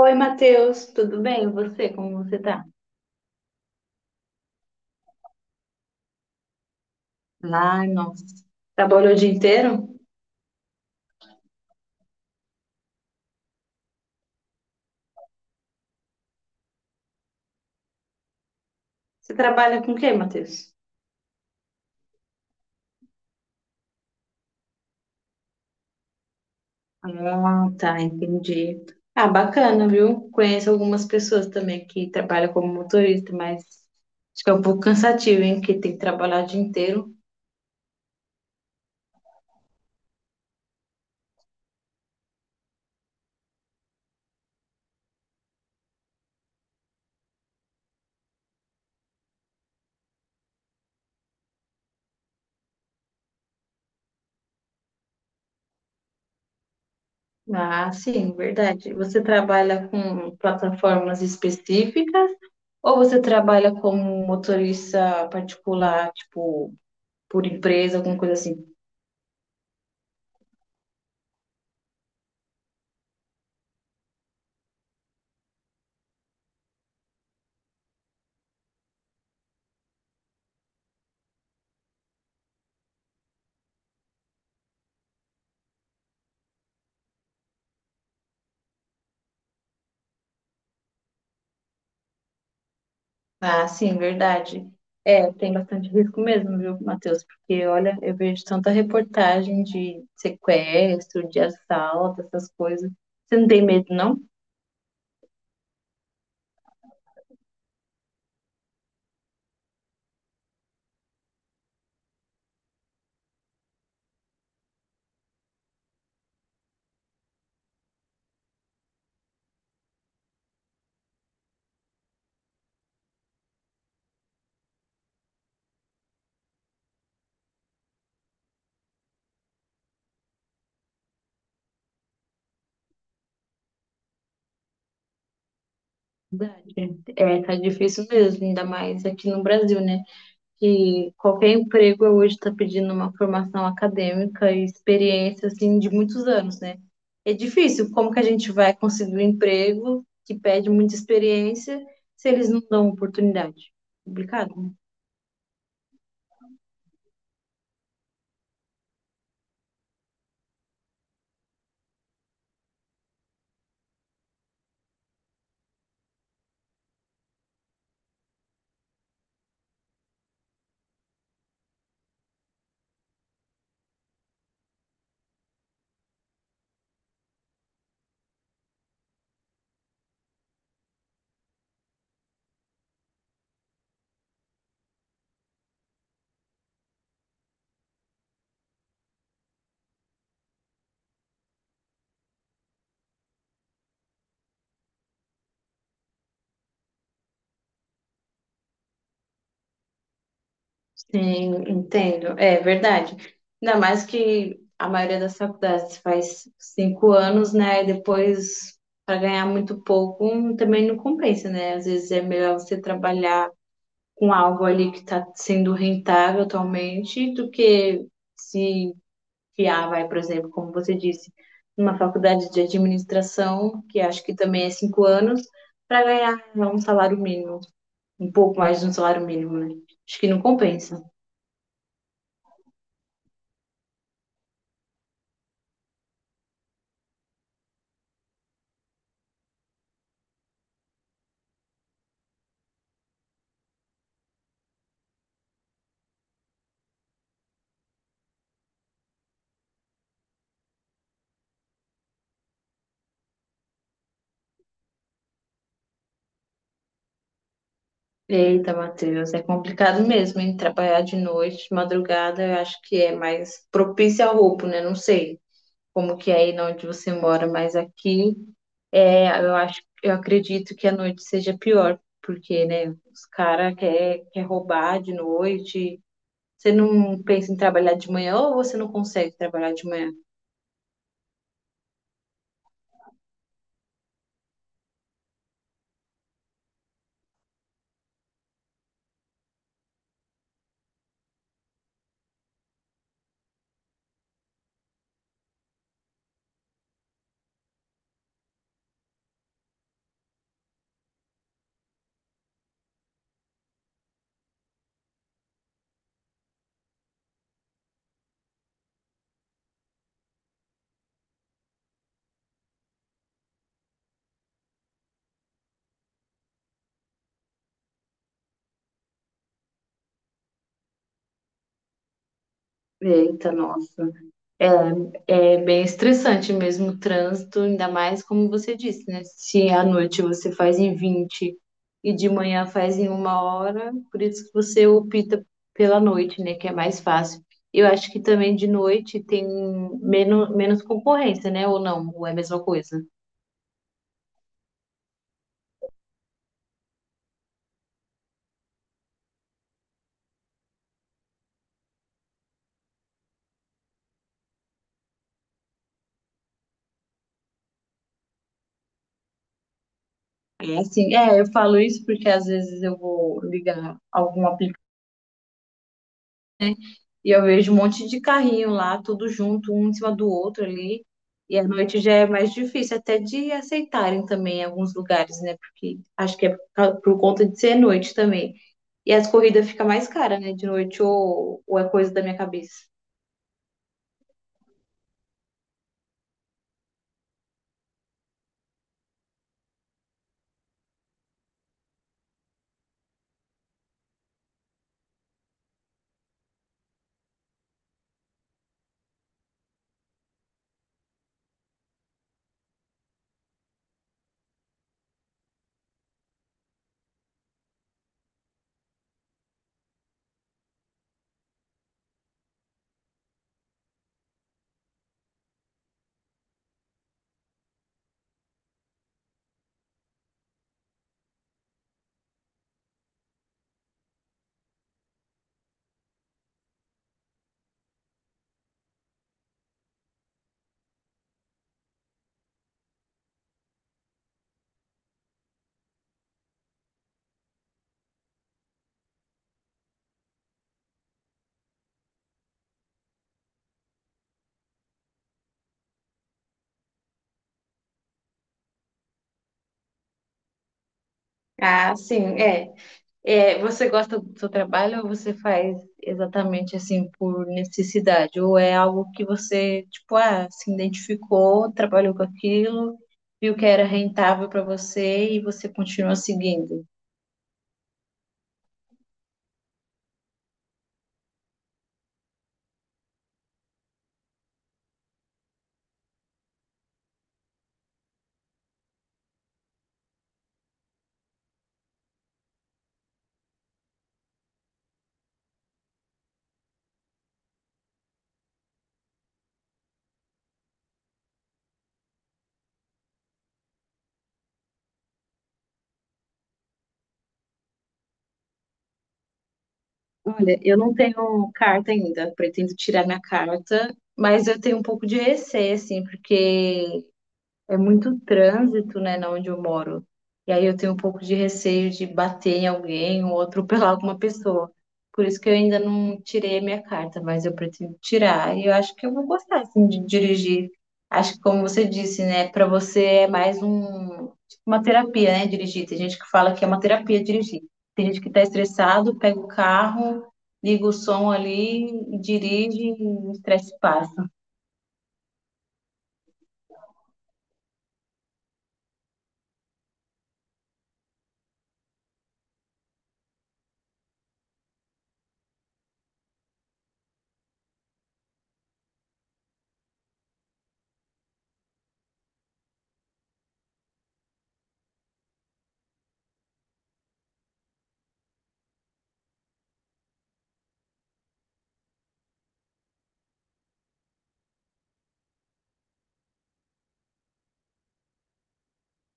Oi, Matheus, tudo bem? E você, como você tá? Ai, nossa. Trabalhou o dia inteiro? Você trabalha com o quê, Matheus? Ah, tá, entendi. Ah, bacana, viu? Conheço algumas pessoas também que trabalham como motorista, mas acho que é um pouco cansativo, hein? Porque tem que trabalhar o dia inteiro. Ah, sim, verdade. Você trabalha com plataformas específicas ou você trabalha como motorista particular, tipo, por empresa, alguma coisa assim? Ah, sim, verdade. É, tem bastante risco mesmo, viu, Matheus? Porque, olha, eu vejo tanta reportagem de sequestro, de assalto, essas coisas. Você não tem medo, não? Verdade. É, tá difícil mesmo, ainda mais aqui no Brasil, né? Que qualquer emprego hoje está pedindo uma formação acadêmica e experiência, assim, de muitos anos, né? É difícil. Como que a gente vai conseguir um emprego que pede muita experiência se eles não dão oportunidade? Complicado, né? Sim, entendo. É verdade. Ainda mais que a maioria das faculdades faz 5 anos, né? E depois, para ganhar muito pouco, também não compensa, né? Às vezes é melhor você trabalhar com algo ali que está sendo rentável atualmente do que se fiar, vai, por exemplo, como você disse, numa faculdade de administração, que acho que também é 5 anos, para ganhar um salário mínimo, um pouco mais de um salário mínimo, né? Acho que não compensa. Eita, Matheus, é complicado mesmo, hein? Trabalhar de noite, de madrugada, eu acho que é mais propício ao roubo, né? Não sei como que é aí na onde você mora, mas aqui é, eu acho, eu acredito que a noite seja pior, porque, né, os caras quer roubar de noite. Você não pensa em trabalhar de manhã ou você não consegue trabalhar de manhã? Eita, nossa. É, é bem estressante mesmo o trânsito, ainda mais como você disse, né? Se à noite você faz em 20 e de manhã faz em uma hora, por isso que você opta pela noite, né? Que é mais fácil. Eu acho que também de noite tem menos concorrência, né? Ou não, ou é a mesma coisa. É assim, é, eu falo isso porque às vezes eu vou ligar algum aplicativo e eu vejo um monte de carrinho lá, tudo junto, um em cima do outro ali. E à noite já é mais difícil até de aceitarem também em alguns lugares, né? Porque acho que é por conta de ser noite também. E as corridas ficam mais caras, né? De noite, ou é coisa da minha cabeça. Ah, sim, é. É, você gosta do seu trabalho ou você faz exatamente assim por necessidade? Ou é algo que você, tipo, ah, se identificou, trabalhou com aquilo, viu que era rentável para você e você continua seguindo? Olha, eu não tenho carta ainda, pretendo tirar minha carta, mas eu tenho um pouco de receio, assim, porque é muito trânsito, né, na onde eu moro. E aí eu tenho um pouco de receio de bater em alguém ou atropelar alguma pessoa. Por isso que eu ainda não tirei a minha carta, mas eu pretendo tirar. E eu acho que eu vou gostar, assim, de dirigir. Acho que, como você disse, né, para você é mais um, tipo, uma terapia, né, dirigir. Tem gente que fala que é uma terapia dirigir. Tem gente que tá estressado, pega o carro, liga o som ali, dirige e o estresse passa.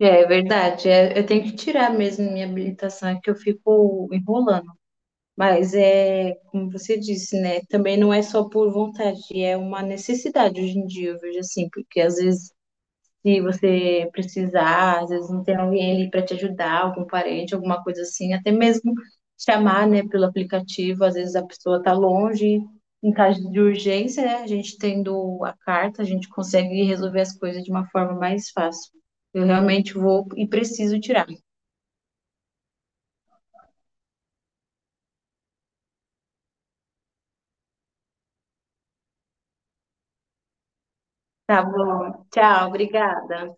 É verdade, é, eu tenho que tirar mesmo minha habilitação, é que eu fico enrolando. Mas é, como você disse, né? Também não é só por vontade, é uma necessidade hoje em dia, eu vejo assim, porque às vezes se você precisar, às vezes não tem alguém ali para te ajudar, algum parente, alguma coisa assim, até mesmo chamar, né, pelo aplicativo, às vezes a pessoa está longe, em caso de urgência, né, a gente tendo a carta, a gente consegue resolver as coisas de uma forma mais fácil. Eu realmente vou e preciso tirar. Tá bom, tchau, obrigada.